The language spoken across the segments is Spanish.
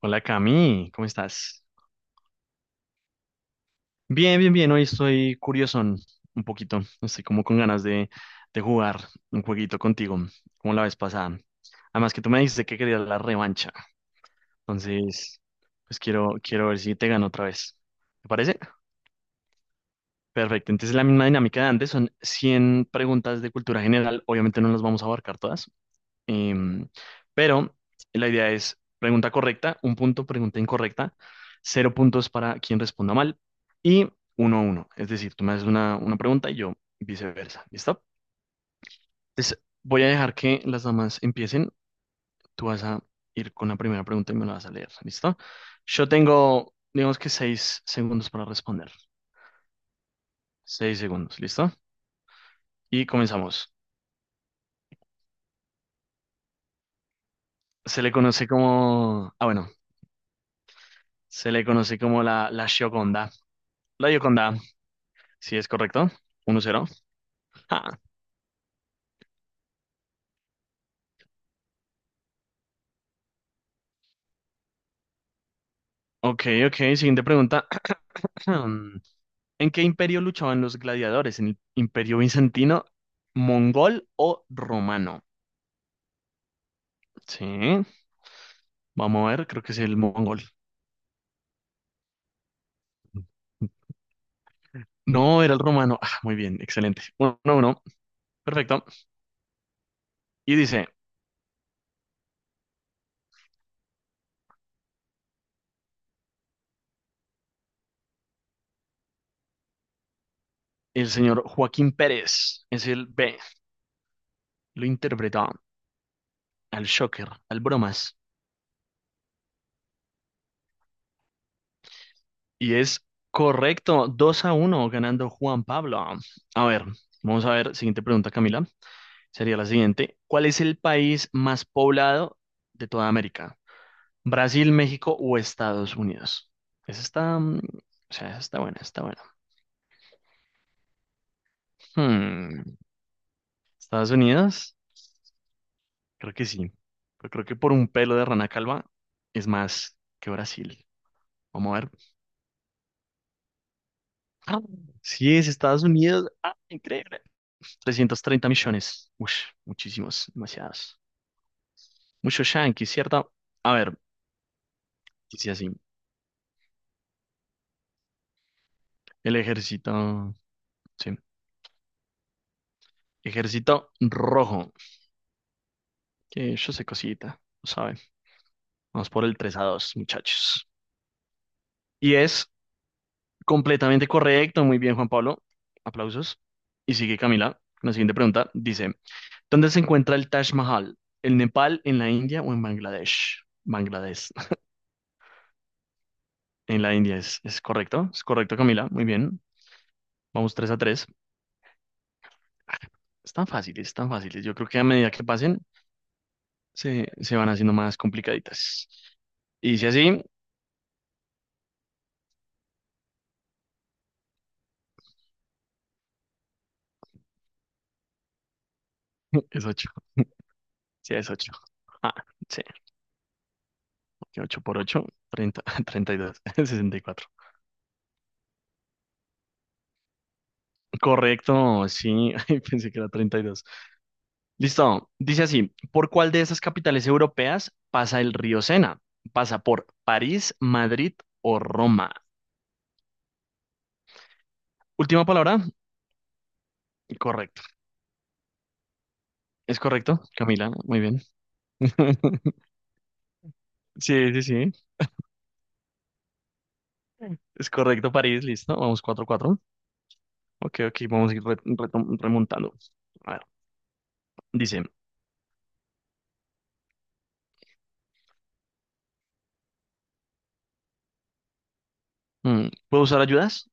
Hola Cami, ¿cómo estás? Bien, bien, bien, hoy estoy curiosón un poquito, estoy como con ganas de jugar un jueguito contigo, como la vez pasada. Además que tú me dijiste que querías la revancha, entonces pues quiero ver si te gano otra vez. ¿Te parece? Perfecto, entonces la misma dinámica de antes, son 100 preguntas de cultura general, obviamente no las vamos a abarcar todas. Em, pero la idea es pregunta correcta, un punto, pregunta incorrecta, cero puntos para quien responda mal y uno a uno. Es decir, tú me haces una pregunta y yo viceversa. ¿Listo? Entonces, voy a dejar que las damas empiecen. Tú vas a ir con la primera pregunta y me la vas a leer. ¿Listo? Yo tengo, digamos que 6 segundos para responder. 6 segundos, ¿listo? Y comenzamos. Se le conoce como, ah, bueno, se le conoce como la Gioconda. La Gioconda. Sí, es correcto. Uno cero. Ah, ok, ok. Siguiente pregunta. ¿En qué imperio luchaban los gladiadores? ¿En el imperio bizantino, mongol o romano? Sí, vamos a ver. Creo que es el mongol. No, era el romano. Ah, muy bien, excelente. Uno, uno, perfecto. Y dice, el señor Joaquín Pérez es el B. Lo interpreta al Shocker, al Bromas. Y es correcto, 2 a uno ganando Juan Pablo. A ver, vamos a ver, siguiente pregunta, Camila. Sería la siguiente. ¿Cuál es el país más poblado de toda América? ¿Brasil, México o Estados Unidos? Esa está, mm, o sea, esa está buena, está buena. Hmm, ¿Estados Unidos? Creo que sí. Pero creo que por un pelo de rana calva es más que Brasil. Vamos a ver. ¡Ah! Sí, es Estados Unidos. ¡Ah, increíble! 330 millones. Ush, muchísimos, demasiados. Mucho yankee, ¿cierto? A ver, dice así. El ejército. Sí. Ejército rojo. Que yo sé cosita, lo saben. Vamos por el 3 a 2, muchachos. Y es completamente correcto. Muy bien, Juan Pablo. Aplausos. Y sigue Camila. La siguiente pregunta dice: ¿Dónde se encuentra el Taj Mahal? ¿En Nepal, en la India o en Bangladesh? Bangladesh. En la India es correcto. Es correcto, Camila. Muy bien. Vamos 3 a 3. Es tan fáciles, tan fáciles. Yo creo que a medida que pasen, se van haciendo más complicaditas. Y si así, es ocho. Sí, es 8. Ah, sí, 8 por ocho, treinta, 32, 64. Correcto, sí, ay, pensé que era 32. Listo, dice así, ¿por cuál de esas capitales europeas pasa el río Sena? ¿Pasa por París, Madrid o Roma? Última palabra, correcto. ¿Es correcto, Camila? Muy bien. Sí, sí, sí. Es correcto, París, listo. Vamos 4 cuatro. Ok, ok, vamos a ir re- retom- remontando. A ver, dice, mm, ¿puedo usar ayudas?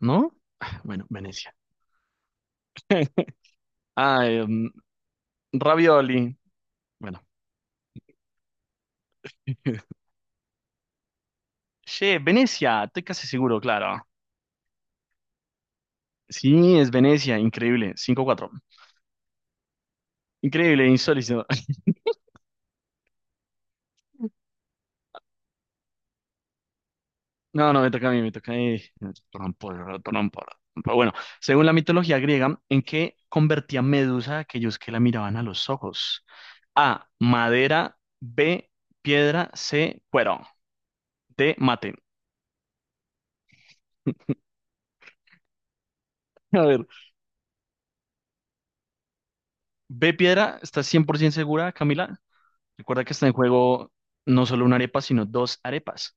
¿No? Ah, bueno, Venecia. Ah, ravioli. Bueno. Che, Venecia, estoy casi seguro, claro. Sí, es Venecia, increíble. Cinco cuatro. Increíble, insólito. No, no, me toca a mí, me toca a mí. Trompo, trompo. Pero bueno, según la mitología griega, ¿en qué convertía Medusa a aquellos que la miraban a los ojos? A, madera, B, piedra, C, cuero. Te maten. A ver, B piedra, ¿estás 100% segura, Camila? Recuerda que está en juego no solo una arepa, sino dos arepas.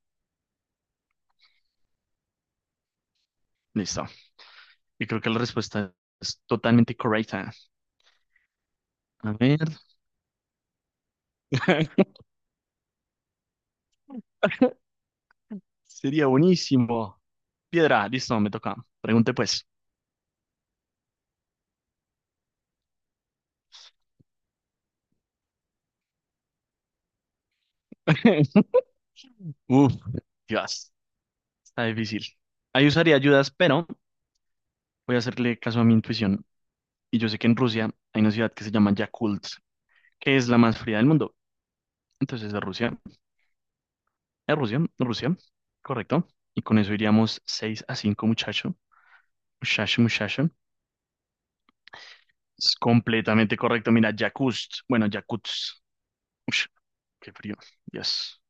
Listo. Y creo que la respuesta es totalmente correcta. A ver, sería buenísimo. Piedra, listo, me toca. Pregunte pues. Uf, Dios, está difícil. Ahí usaría ayudas, pero voy a hacerle caso a mi intuición. Y yo sé que en Rusia hay una ciudad que se llama Yakult, que es la más fría del mundo. Entonces, de Rusia. A Rusia, a Rusia, correcto. Y con eso iríamos 6 a 5 muchacho. Muchacho, muchacho. Es completamente correcto. Mira, Yakutsk. Bueno, Yakutsk. Ush, qué frío. Dios.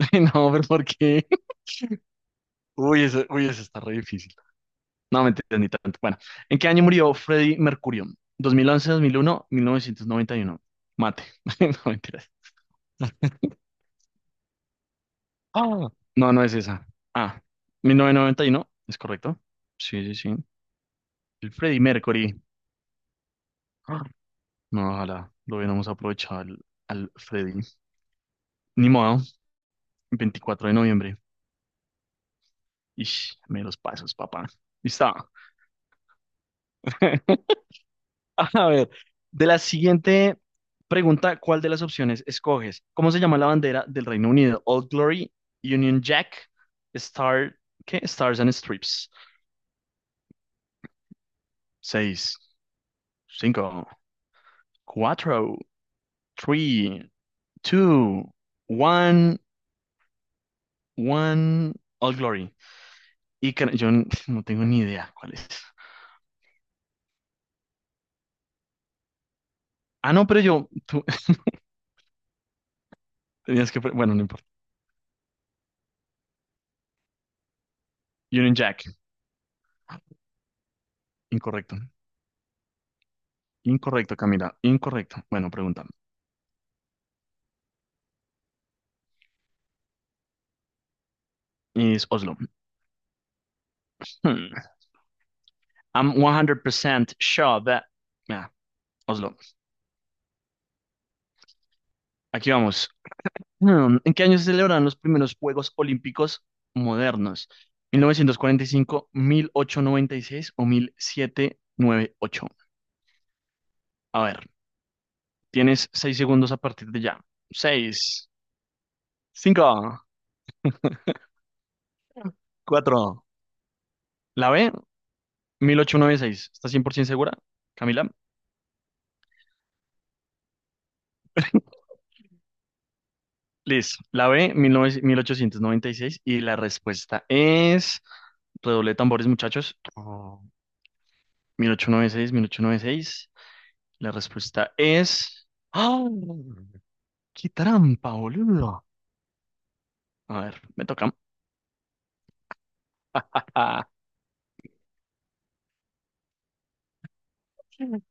No, pero ¿por qué? Uy, eso está re difícil. No, me ni tanto. Bueno, ¿en qué año murió Freddie Mercurio? 2011, 2001, 1991. Mate. No, mentiras. Ah, no, no es esa. Ah, 1991, es correcto. Sí, sí, sí. El Freddie Mercury. No, ojalá lo hubiéramos aprovechado al Freddy. Ni modo, 24 de noviembre. Ish, me los pasos, papá. Listo. A ver, de la siguiente pregunta, ¿cuál de las opciones escoges? ¿Cómo se llama la bandera del Reino Unido? Old Glory, Union Jack, Star, ¿qué? Stars and Strips. Seis, cinco, cuatro, tres, dos, one, one, Old Glory. Y can- yo n- no tengo ni idea cuál es. Ah, no, pero yo, tú tenías que, pre- bueno, no importa. Union Jack, incorrecto. Incorrecto, Camila, incorrecto. Bueno, pregunta. Es Oslo. Hmm. I'm one hundred percent sure that... Ah, Oslo. Aquí vamos. Hmm, ¿en qué año se celebraron los primeros Juegos Olímpicos modernos? Mil novecientos cuarenta y cinco, mil ochocientos noventa y seis o 1798. A ver, tienes 6 segundos a partir de ya. Seis, cinco, cuatro. ¿La B? 1896. ¿Por 100% segura, Camila? Liz, la B, 19 1896. Y seis. Y la respuesta es... Redoble de tambores, muchachos. Oh, 1896, 1896. La respuesta es... ¡Ah! ¡Qué trampa, boludo! A ver, me toca. Ah,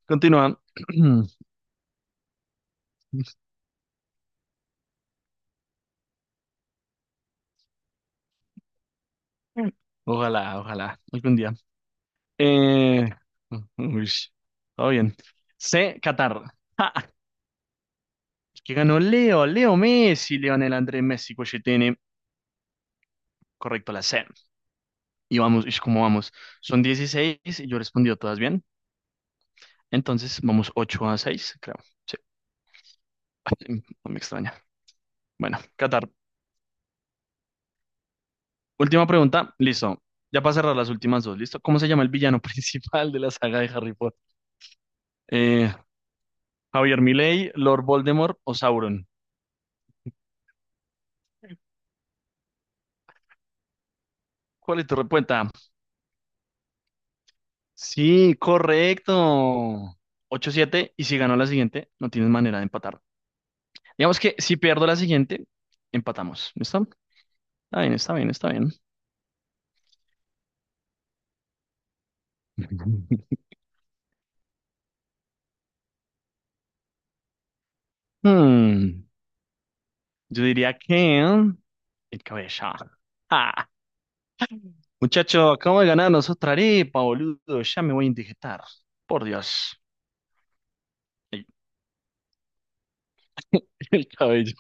continúa. Ojalá, ojalá, algún día. Eh, uy, todo bien. C, Qatar. Que ganó Leo Messi, Leonel Andrés Messi tiene correcto la C. Y vamos, y cómo vamos. Son 16 y yo he respondido todas bien. Entonces vamos 8 a 6, creo. Sí, sí, no me extraña. Bueno, Qatar, última pregunta, listo. Ya para cerrar las últimas dos, ¿listo? ¿Cómo se llama el villano principal de la saga de Harry Potter? Eh, Javier Milei, Lord Voldemort o Sauron. ¿Cuál es tu respuesta? Sí, correcto. Ocho siete y si ganó la siguiente, no tienes manera de empatar. Digamos que si pierdo la siguiente, empatamos. ¿Listo? Está bien, está bien, está bien. Hmm, yo diría que el cabeza. Ah, muchacho, acabo de ganarnos otra arepa, boludo. Ya me voy a indigestar. Por Dios. Ay, el cabello.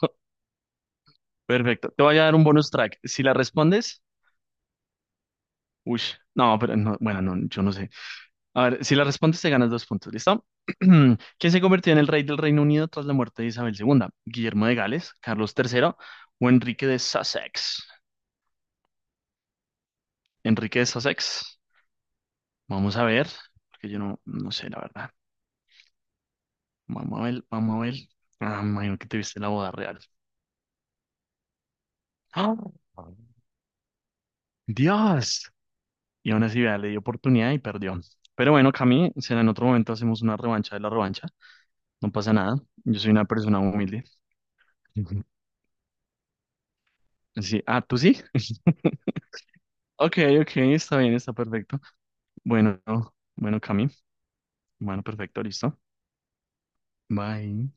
Perfecto. Te voy a dar un bonus track. Si la respondes, uy, no, pero no, bueno, no, yo no sé. A ver, si la respondes te ganas dos puntos, ¿listo? ¿Quién se convirtió en el rey del Reino Unido tras la muerte de Isabel II? ¿Guillermo de Gales, Carlos III o Enrique de Sussex? Enrique de Sussex. Vamos a ver, porque yo no, no sé la verdad. Vamos a ver, vamos a ver. Ah, me imagino que te viste la boda real. ¡Ah! ¡Dios! Y aún así, vea, le dio oportunidad y perdió. Pero bueno, Cami, será en otro momento hacemos una revancha de la revancha. No pasa nada. Yo soy una persona humilde. Ujú. Sí. Ah, ¿tú sí? Ok, ok, está bien, está perfecto. Bueno, bueno, Cami. Bueno, perfecto, listo. Bye.